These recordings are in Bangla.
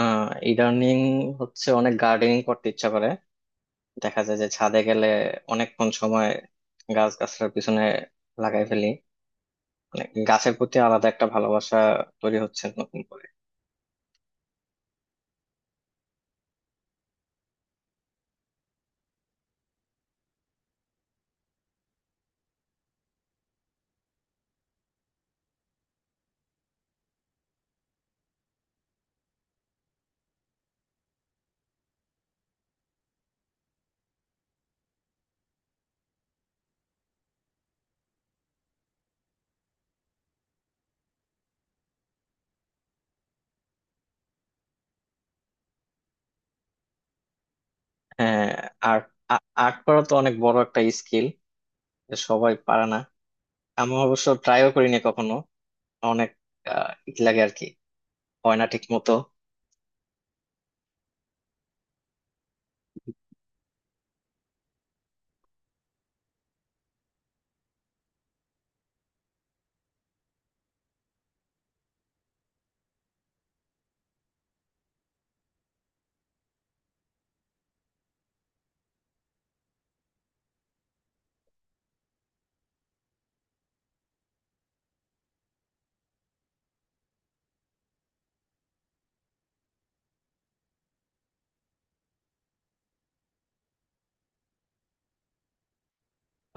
আহ ইদানিং হচ্ছে অনেক গার্ডেনিং করতে ইচ্ছা করে, দেখা যায় যে ছাদে গেলে অনেকক্ষণ সময় গাছ গাছলার পিছনে লাগাই ফেলি। মানে, গাছের প্রতি আলাদা একটা ভালোবাসা তৈরি হচ্ছে নতুন করে। হ্যাঁ। আর্ট আর্ট করা তো অনেক বড় একটা স্কিল, সবাই পারে না। আমি অবশ্য ট্রাইও করিনি কখনো। অনেক ই লাগে আর কি, হয় না ঠিক মতো।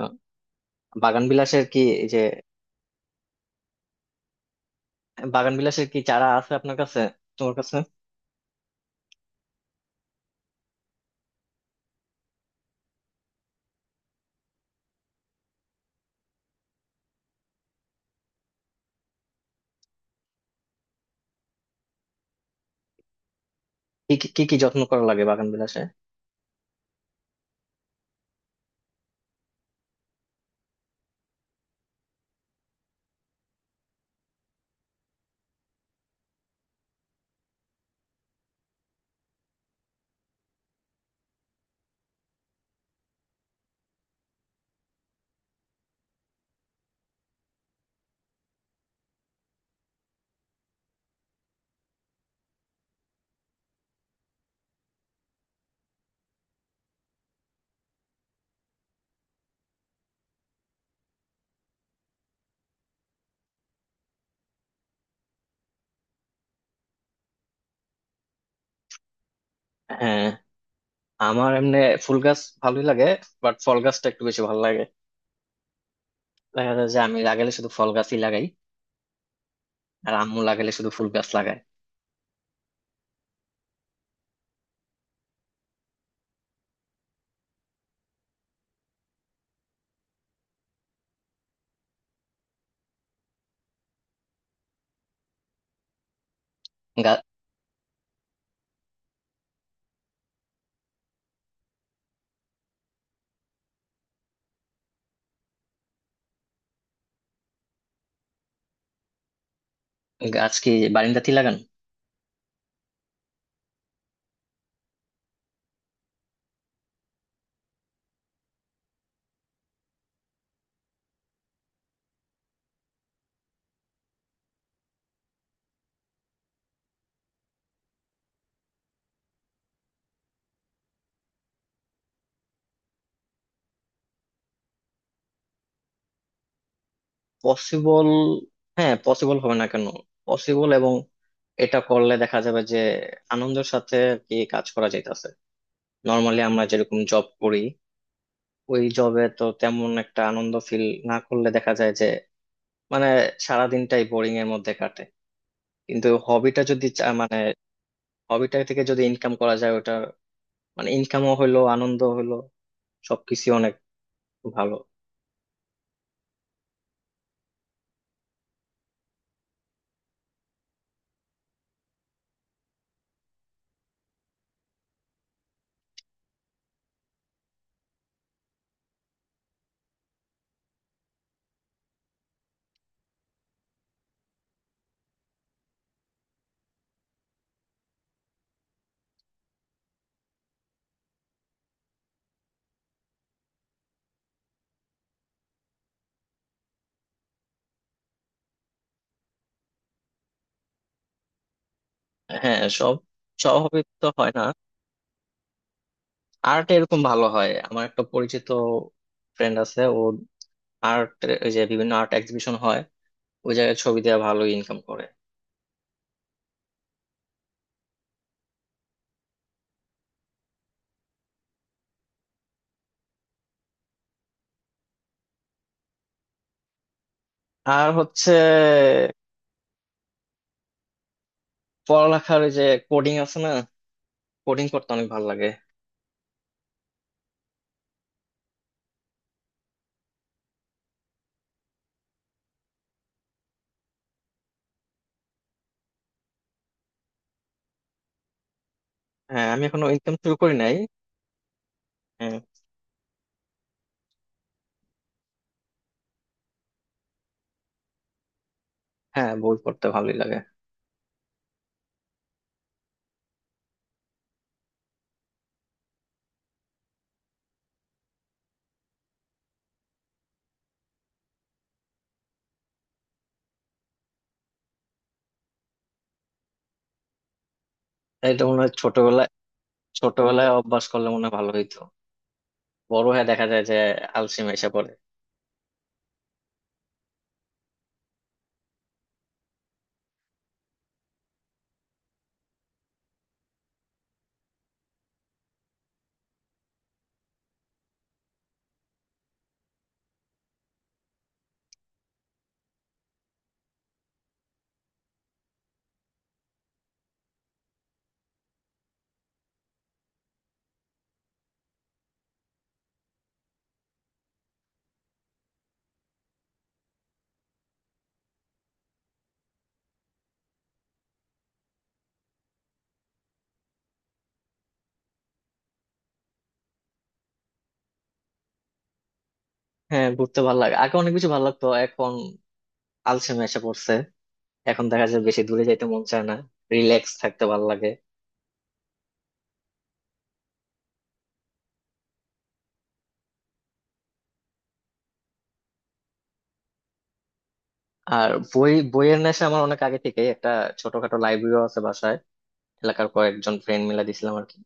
আহ, বাগান বিলাসের কি এই যে বাগান বিলাসের কি চারা আছে আপনার কাছে, তোমার কাছে? কি কি যত্ন করা লাগে বাগান বিলাসে? হ্যাঁ। আমার এমনি ফুল গাছ ভালোই লাগে, বাট ফল গাছটা একটু বেশি ভালো লাগে। দেখা যায় যে আমি লাগালে শুধু ফল গাছই লাগাই, আর আম্মু লাগালে শুধু ফুল গাছ লাগায়। গা- গাছ কি বারান্দাতেই লাগান? পসিবল, হ্যাঁ পসিবল হবে না কেন? পসিবল, এবং এটা করলে দেখা যাবে যে আনন্দের সাথে আর কি কাজ করা যাইতেছে। নর্মালি আমরা যেরকম জব করি, ওই জবে তো তেমন একটা আনন্দ ফিল না করলে দেখা যায় যে মানে সারাদিনটাই বোরিং এর মধ্যে কাটে। কিন্তু হবিটা থেকে যদি ইনকাম করা যায়, ওটা মানে ইনকামও হইলো আনন্দ হইলো, সবকিছু অনেক ভালো। হ্যাঁ সব সব হবি তো হয় না। আর্ট এরকম ভালো হয়। আমার একটা পরিচিত ফ্রেন্ড আছে, ও আর্ট, ওই যে বিভিন্ন আর্ট এক্সিবিশন হয়, ওই জায়গায় ছবি দেওয়া ভালো ইনকাম করে। আর হচ্ছে পড়ালেখার ওই যে কোডিং আছে না, কোডিং করতে অনেক ভালো লাগে। হ্যাঁ আমি এখনো ইনকাম শুরু করি নাই। হ্যাঁ। হ্যাঁ, বই পড়তে ভালোই লাগে। এটা মনে হয় ছোটবেলায়, ছোটবেলায় অভ্যাস করলে মনে হয় ভালো হইতো। বড় হয়ে দেখা যায় যে আলসেমি এসে পড়ে। হ্যাঁ ঘুরতে ভালো লাগে, আগে অনেক বেশি ভালো লাগতো, এখন আলসেমি এসে পড়ছে। এখন দেখা যায় বেশি দূরে যাইতে মন চায় না, রিল্যাক্স থাকতে ভালো লাগে। আর বই, বইয়ের নেশা আমার অনেক আগে থেকেই। একটা ছোটখাটো লাইব্রেরিও আছে বাসায়, এলাকার কয়েকজন ফ্রেন্ড মিলে দিছিলাম আর কি।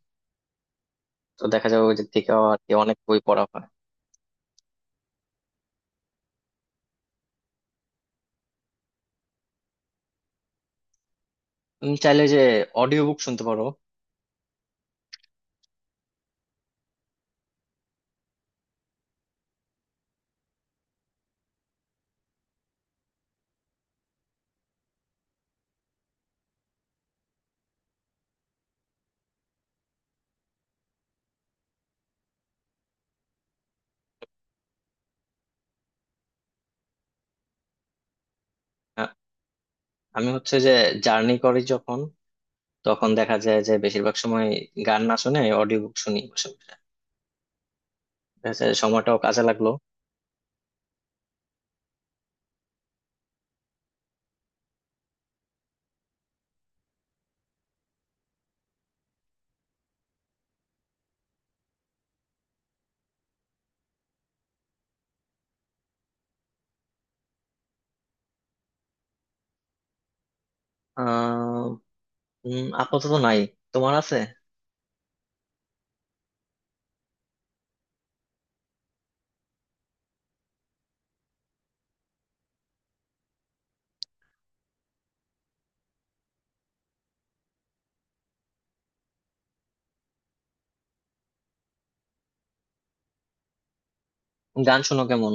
তো দেখা যায় ওই দিক থেকে আর কি অনেক বই পড়া হয়। তুমি চাইলে যে অডিও বুক শুনতে পারো। আ- আমি হচ্ছে যে জার্নি করি যখন, তখন দেখা যায় যে বেশিরভাগ সময় গান না শুনে অডিও বুক শুনি বসে বসে। দেখা যায় সময়টাও কাজে লাগলো। আহ আপাতত নাই, তোমার আছে? গান শোনো কেমন?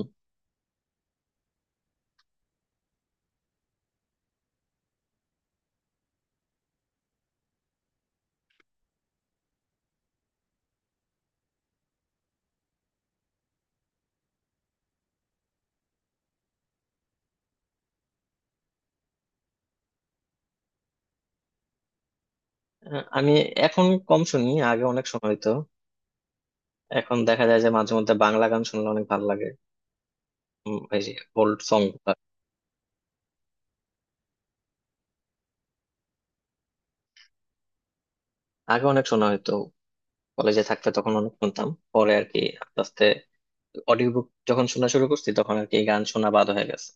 আমি এখন কম শুনি, আগে অনেক শোনা হইতো। এখন দেখা যায় যে মাঝে মধ্যে বাংলা গান শুনলে অনেক ভালো লাগে, এই যে ওল্ড সং। আগে অনেক শোনা হইতো, কলেজে থাকতে তখন অনেক শুনতাম। পরে আর কি আস্তে আস্তে অডিও বুক যখন শোনা শুরু করছি তখন আর কি গান শোনা বাদ হয়ে গেছে।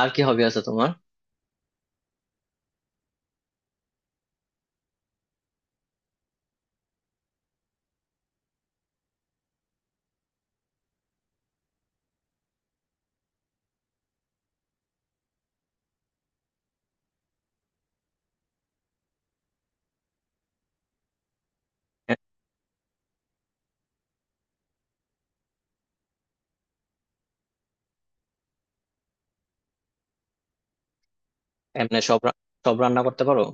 আর কি হবি আছে তোমার? এ- এমনি সব রান্না করতে পারো?